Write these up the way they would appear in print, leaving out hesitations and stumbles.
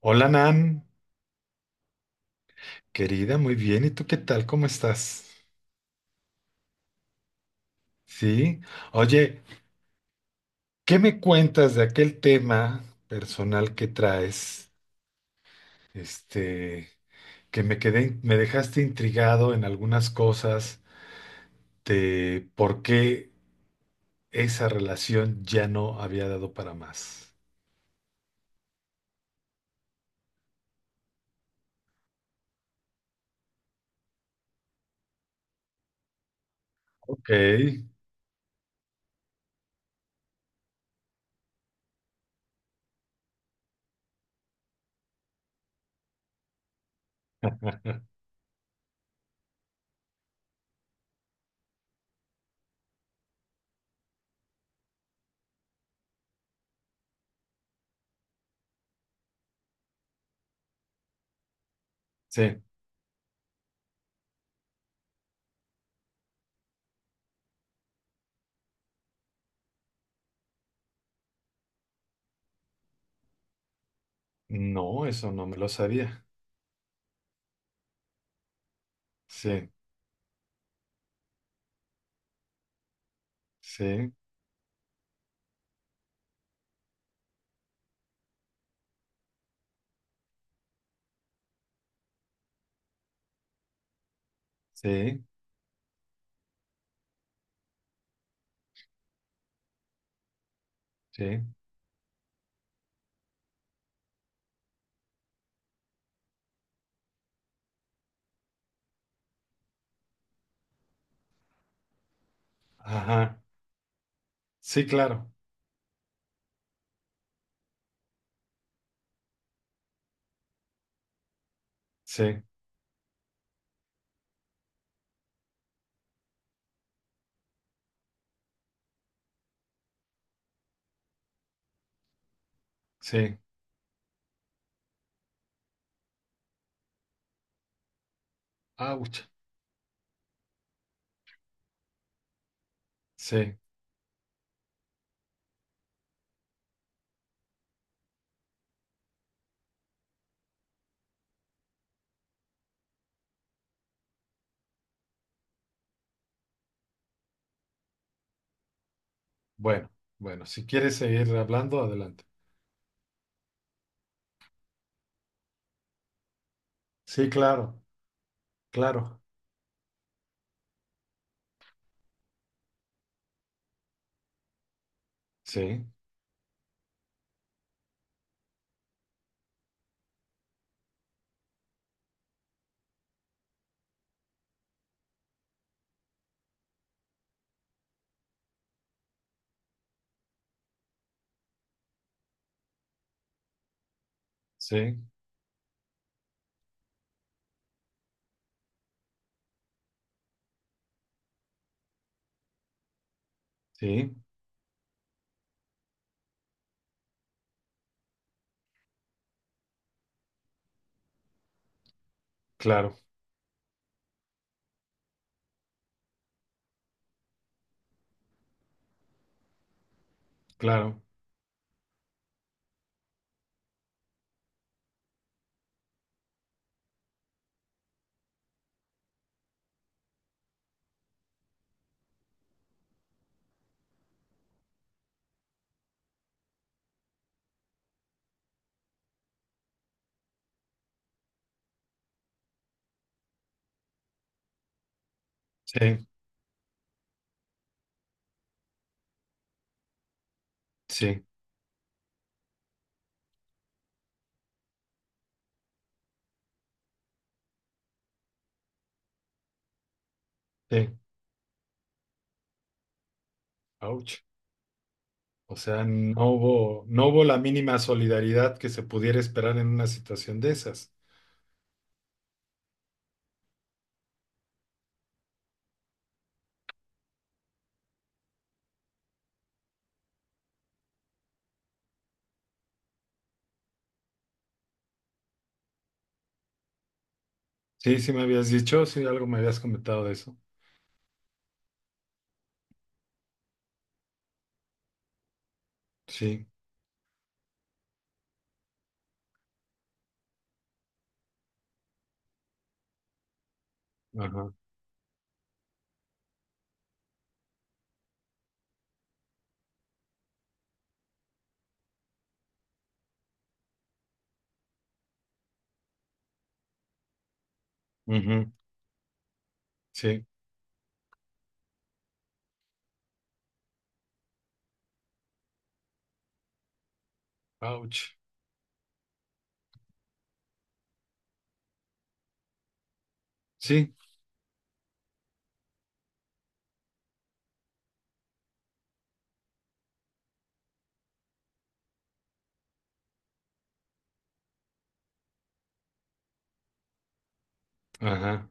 Hola Nan, querida, muy bien. ¿Y tú qué tal? ¿Cómo estás? Sí. Oye, ¿qué me cuentas de aquel tema personal que traes? Este, que me quedé, me dejaste intrigado en algunas cosas de por qué esa relación ya no había dado para más. Ok, sí. No, eso no me lo sabía. Sí, sí, sí, sí. Ajá. Sí, claro. Sí, sí. Auch. Sí, bueno, bueno, si quieres seguir hablando, adelante. Sí, claro, claro. Sí, sí, sí, claro, claro. Sí, sí, sí. Ouch. O sea, no hubo, no hubo la mínima solidaridad que se pudiera esperar en una situación de esas. Sí, sí me habías dicho, sí, algo me habías comentado de eso. Sí, ajá, ujú, sí, ouch. Sí, ajá,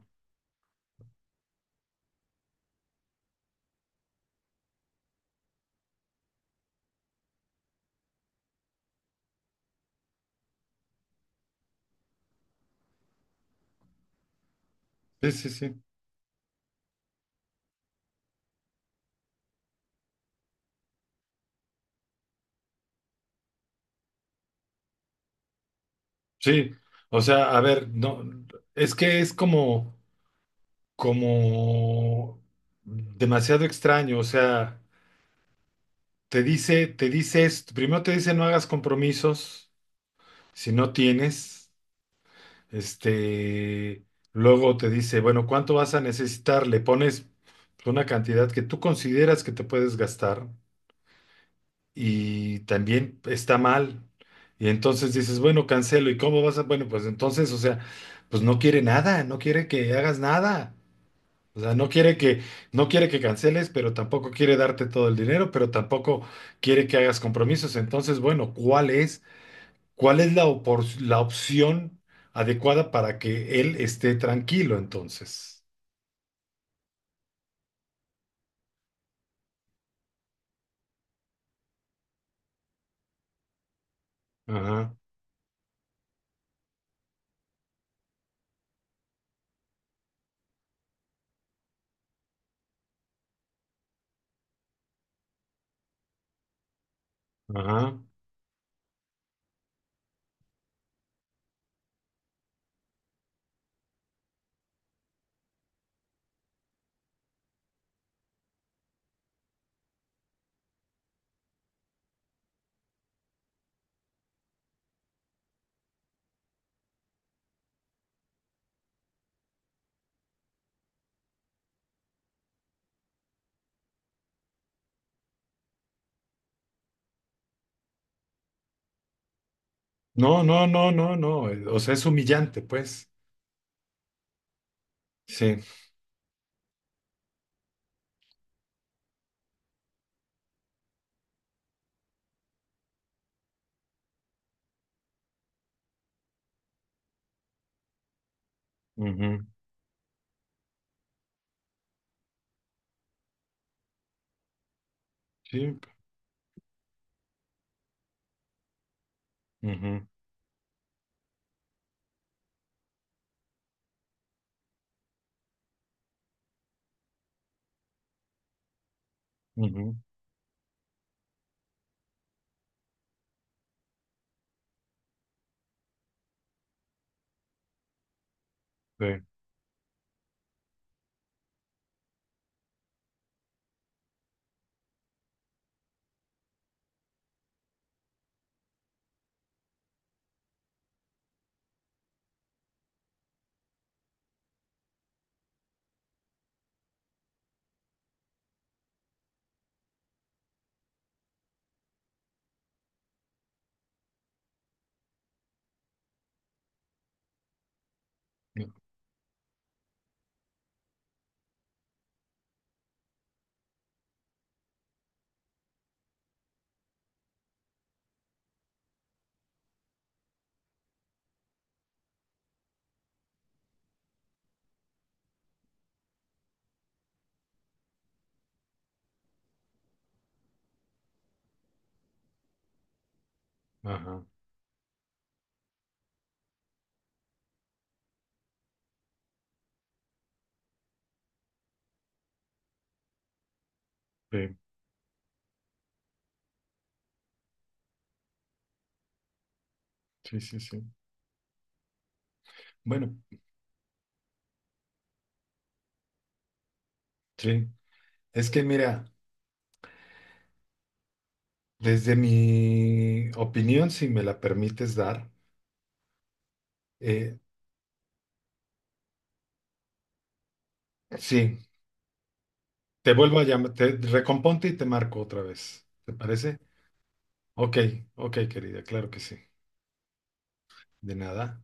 sí, sí, sí. Sí, o sea, a ver, no, es que es como... como demasiado extraño, o sea, te dice esto, primero te dice no hagas compromisos si no tienes, este, luego te dice, bueno, ¿cuánto vas a necesitar? Le pones una cantidad que tú consideras que te puedes gastar y también está mal. Y entonces dices, bueno, cancelo, ¿y cómo vas a? Bueno, pues entonces, o sea, pues no quiere nada, no quiere que hagas nada. O sea, no quiere que canceles, pero tampoco quiere darte todo el dinero, pero tampoco quiere que hagas compromisos. Entonces, bueno, ¿cuál es la la opción adecuada para que él esté tranquilo entonces? Ajá, ajá. No, no, no, no, no. O sea, es humillante, pues. Sí. Ujú. Sí. Ujú, ujú. Sí. Ajá. Sí. Sí, sí, sí. Bueno, sí. Es que mira. Desde mi opinión, si me la permites dar, eh, sí, te vuelvo a llamar, te recomponte y te marco otra vez. ¿Te parece? Ok, ok, querida, claro que sí. De nada.